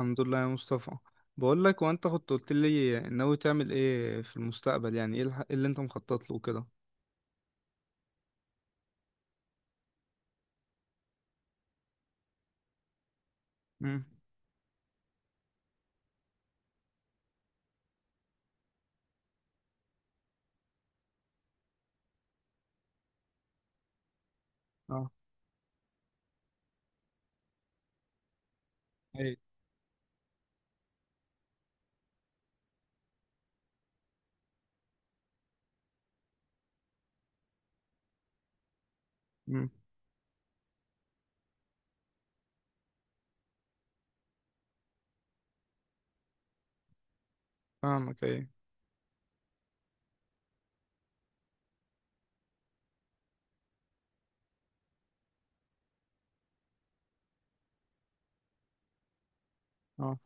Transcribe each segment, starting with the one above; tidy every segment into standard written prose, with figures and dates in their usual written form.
الحمد لله يا مصطفى. بقول لك، وانت كنت قلت لي ناوي تعمل ايه في المستقبل، يعني ايه إيه اللي انت مخطط له كده؟ امم. اه. ايه. امم. فاهمك، ايه؟ اه.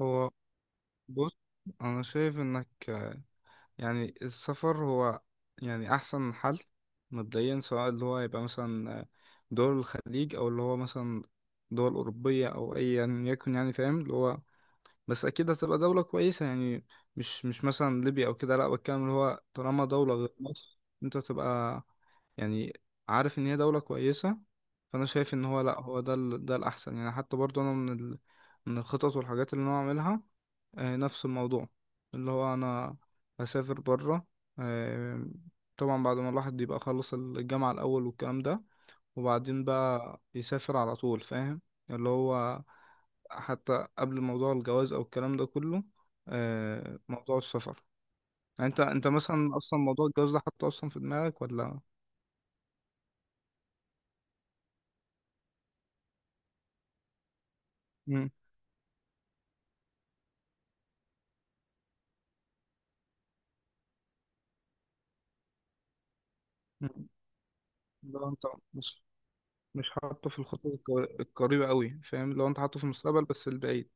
هو بص، انا شايف انك يعني السفر هو يعني احسن حل مبدئيا، سواء اللي هو يبقى مثلا دول الخليج، او اللي هو مثلا دول اوروبيه او اي، يعني يكن يعني فاهم اللي هو، بس اكيد هتبقى دولة كويسة. يعني مش مثلا ليبيا او كده، لا، بتكلم اللي هو طالما دولة غير مصر انت تبقى يعني عارف ان هي دولة كويسة. فانا شايف ان هو لا، هو ده ده الاحسن، يعني حتى برضو انا من الخطط والحاجات اللي انا اعملها. نفس الموضوع، اللي هو انا هسافر بره. آه، طبعا بعد ما الواحد يبقى خلص الجامعة الاول والكلام ده، وبعدين بقى يسافر على طول، فاهم؟ اللي هو حتى قبل موضوع الجواز او الكلام ده كله، موضوع السفر. يعني انت مثلا اصلا موضوع الجواز ده حاطه اصلا في دماغك ولا؟ مم. مم. لو انت مش مش حاطه في الخطوة القريبة قوي، فاهم؟ لو انت حاطه في المستقبل بس البعيد.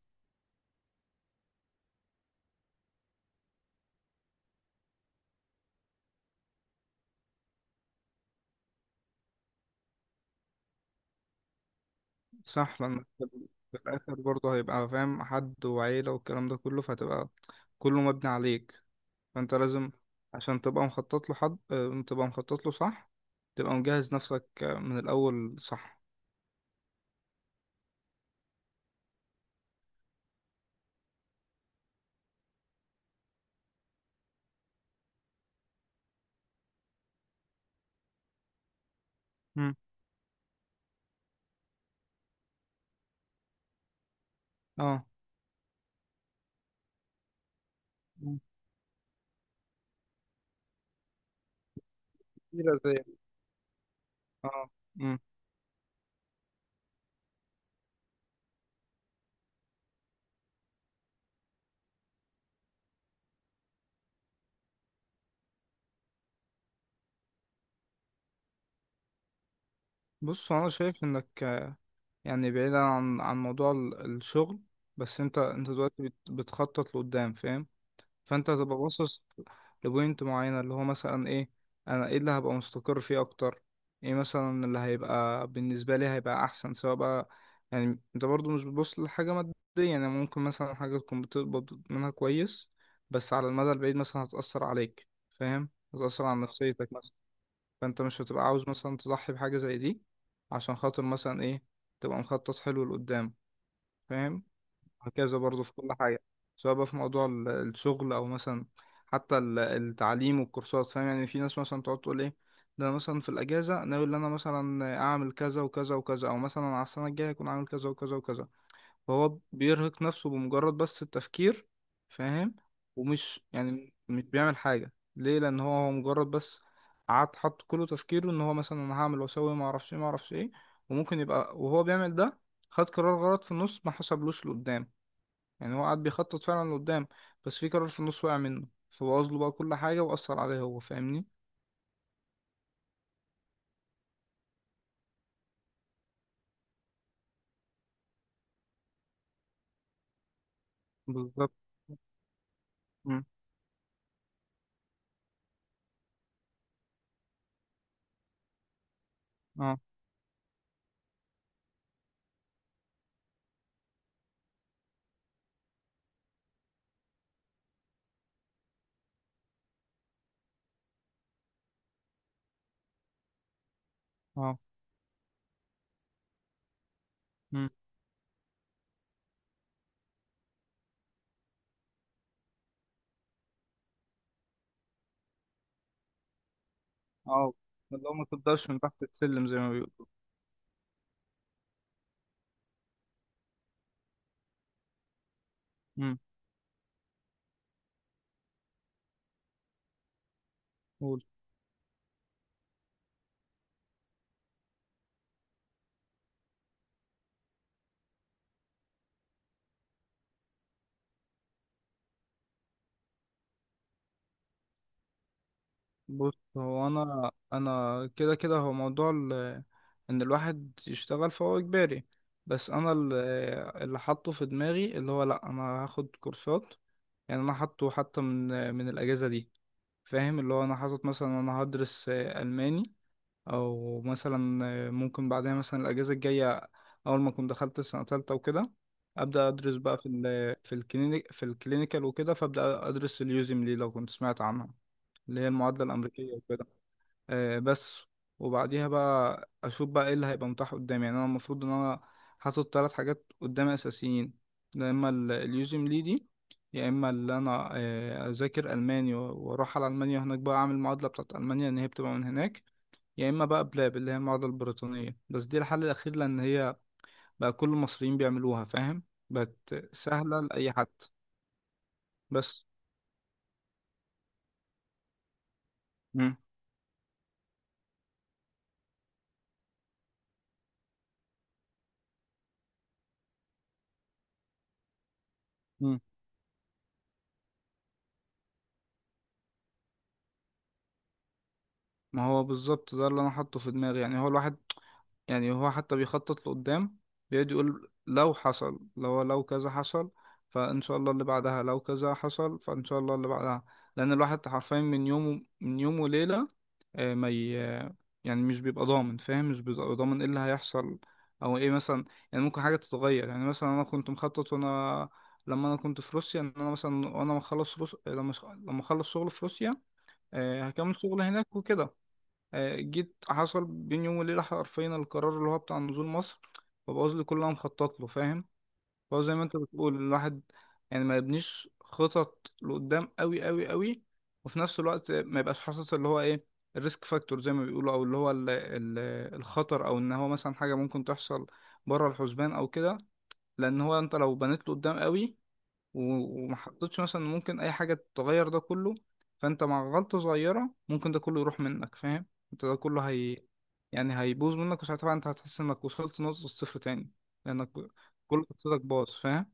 صح، لانك في الاخر برضه هيبقى فاهم حد وعيلة والكلام ده كله، فهتبقى كله مبني عليك. فانت لازم، عشان تبقى مخطط له حد تبقى مخطط له، صح؟ تبقى مجهز نفسك من الاول، صح؟ مم. اه. مم. كتيرة زي. اه. مم. بص هو انا شايف انك يعني بعيدا عن موضوع الشغل، بس انت دلوقتي بتخطط لقدام، فاهم؟ فانت هتبقى باصص لبوينت معينة، اللي هو مثلا ايه. انا ايه اللي هبقى مستقر فيه اكتر، ايه مثلا اللي هيبقى بالنسبة لي هيبقى احسن، سواء بقى، يعني انت برضو مش بتبص لحاجة مادية. يعني ممكن مثلا حاجة تكون بتقبض منها كويس، بس على المدى البعيد مثلا هتأثر عليك، فاهم؟ هتأثر على نفسيتك مثلا، فانت مش هتبقى عاوز مثلا تضحي بحاجة زي دي عشان خاطر مثلا ايه، تبقى مخطط حلو لقدام، فاهم؟ وهكذا برضه في كل حاجة، سواء بقى في موضوع الشغل، أو مثلا حتى التعليم والكورسات، فاهم؟ يعني في ناس مثلا تقعد تقول إيه، ده أنا مثلا في الأجازة ناوي إن أنا مثلا أعمل كذا وكذا وكذا، أو مثلا على السنة الجاية أكون عامل كذا وكذا وكذا، فهو بيرهق نفسه بمجرد بس التفكير، فاهم؟ ومش يعني مش بيعمل حاجة، ليه؟ لأن هو مجرد بس قعد حط كله تفكيره إن هو مثلا، أنا هعمل وأسوي معرفش إيه معرفش إيه، وممكن يبقى وهو بيعمل ده، خد قرار غلط في النص ما حسبلوش لقدام. يعني هو قعد بيخطط فعلا لقدام، بس في قرار في النص وقع منه، فبوظ له بقى كل حاجة وأثر عليه هو، فاهمني؟ بالظبط. مم. اه. اه. مم. اه. اللي هو ما تقدرش من تحت السلم زي ما بيقولوا. مم. قول. بص هو أنا كده كده هو موضوع إن الواحد يشتغل فهو إجباري، بس أنا اللي حاطه في دماغي اللي هو لأ، أنا هاخد كورسات. يعني أنا حاطه حتى من الأجازة دي، فاهم؟ اللي هو أنا حاطط مثلا أنا هدرس ألماني، او مثلا ممكن بعدها مثلا الاجازه الجايه، اول ما اكون دخلت سنه تالتة وكده، ابدا ادرس بقى في الكلينيكال وكده، فابدا ادرس اليوزم ليه، لو كنت سمعت عنها، اللي هي المعادله الامريكيه وكده. بس، وبعديها بقى اشوف بقى ايه اللي هيبقى متاح قدامي. يعني انا المفروض ان انا حاطط ثلاث حاجات قدامي اساسيين. يا اما اليوزم ليه دي، يا اما اللي انا اذاكر الماني واروح على المانيا هناك بقى اعمل المعادله بتاعت المانيا، ان هي بتبقى من هناك، يا اما بقى بلاب، اللي هي المعادله البريطانيه، بس دي الحل الاخير لان هي بقى كل المصريين بيعملوها، فاهم؟ بقت سهله لاي حد. بس. مم. مم. ما هو بالظبط ده اللي انا حاطه في دماغي. يعني هو الواحد، يعني هو حتى بيخطط لقدام، بيقعد يقول لو حصل، لو كذا حصل فإن شاء الله اللي بعدها، لو كذا حصل فإن شاء الله اللي بعدها. لأن الواحد حرفيا من يوم وليلة، آه، ما ي... يعني مش بيبقى ضامن، فاهم؟ مش بيبقى ضامن ايه اللي هيحصل، او ايه مثلا. يعني ممكن حاجة تتغير. يعني مثلا انا كنت مخطط، وانا لما انا كنت في روسيا، ان انا مثلا لما اخلص شغل في روسيا، هكمل شغل هناك وكده. جيت حصل بين يوم وليلة حرفيا، القرار اللي هو بتاع نزول مصر، فبوظ لي كل اللي انا مخطط له، فاهم؟ فهو زي ما انت بتقول، الواحد يعني ما يبنيش خطط لقدام قوي قوي قوي، وفي نفس الوقت ما يبقاش حاسس اللي هو ايه الريسك فاكتور زي ما بيقولوا، او اللي هو ال ال الخطر، او ان هو مثلا حاجة ممكن تحصل بره الحسبان او كده. لان هو انت لو بنيت له قدام قوي، و- وما حطيتش مثلا، ممكن اي حاجه تغير ده كله، فانت مع غلطه صغيره ممكن ده كله يروح منك، فاهم؟ انت ده كله هي يعني هيبوظ منك، وساعتها بقى انت هتحس انك وصلت نقطه الصفر تاني، لانك كل خطتك باظ، فاهم؟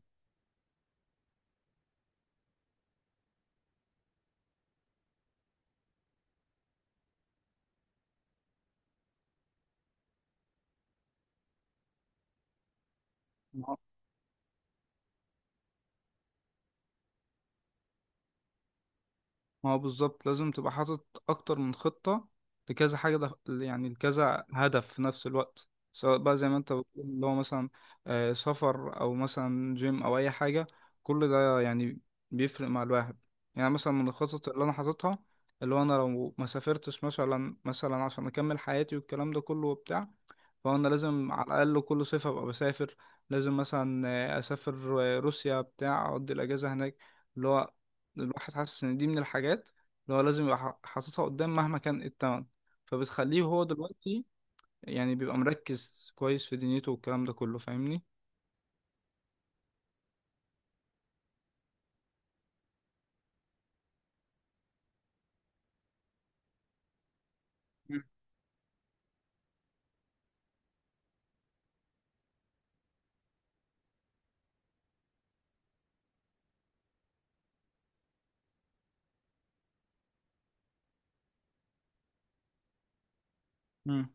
ما هو بالظبط لازم تبقى حاطط اكتر من خطة لكذا حاجة، ده يعني لكذا هدف في نفس الوقت، سواء بقى زي ما انت بتقول اللي هو مثلا سفر او مثلا جيم او اي حاجة، كل ده يعني بيفرق مع الواحد. يعني مثلا من الخطط اللي انا حاططها، اللي هو انا لو ما سافرتش مثلا عشان اكمل حياتي والكلام ده كله وبتاع، فانا لازم على الاقل كل صيف ابقى بسافر، لازم مثلا اسافر روسيا بتاع، اقضي الاجازة هناك. اللي هو الواحد حاسس ان دي من الحاجات اللي هو لازم يبقى حاططها قدام مهما كان إيه التمن، فبتخليه هو دلوقتي يعني بيبقى مركز كويس في دنيته والكلام ده كله، فاهمني؟ امم.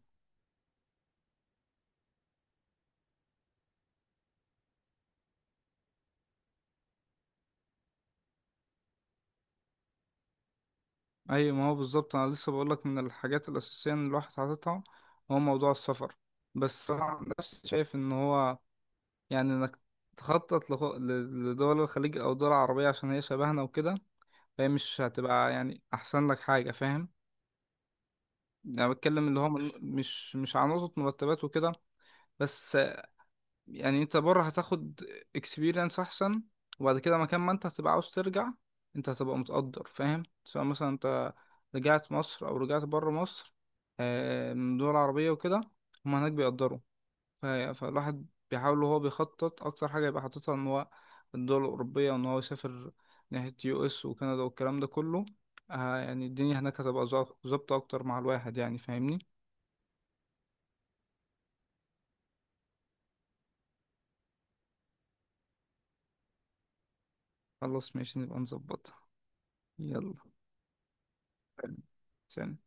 ايوه، ما هو بالظبط انا لسه بقول لك، من الحاجات الاساسيه ان الواحد حاططها هو موضوع السفر. بس انا عن نفسي شايف ان هو، يعني انك تخطط لدول الخليج او دول عربيه، عشان هي شبهنا وكده، فهي مش هتبقى يعني احسن لك حاجه، فاهم؟ يعني بتكلم اللي هو من، مش على نقطه مرتبات وكده، بس يعني انت بره هتاخد اكسبيرينس احسن، وبعد كده مكان ما انت هتبقى عاوز ترجع، انت هتبقى متقدر، فاهم؟ سواء مثلا انت رجعت مصر او رجعت بره مصر، من دول عربية وكده، هما هناك بيقدروا. فالواحد بيحاول وهو بيخطط اكتر حاجة يبقى حاططها، ان هو الدول الأوروبية، وان هو يسافر ناحية US وكندا والكلام ده كله. يعني الدنيا هناك هتبقى ظابطة اكتر مع الواحد، يعني فاهمني؟ خلاص ماشي، نبقى نظبطها. يلا. سلام.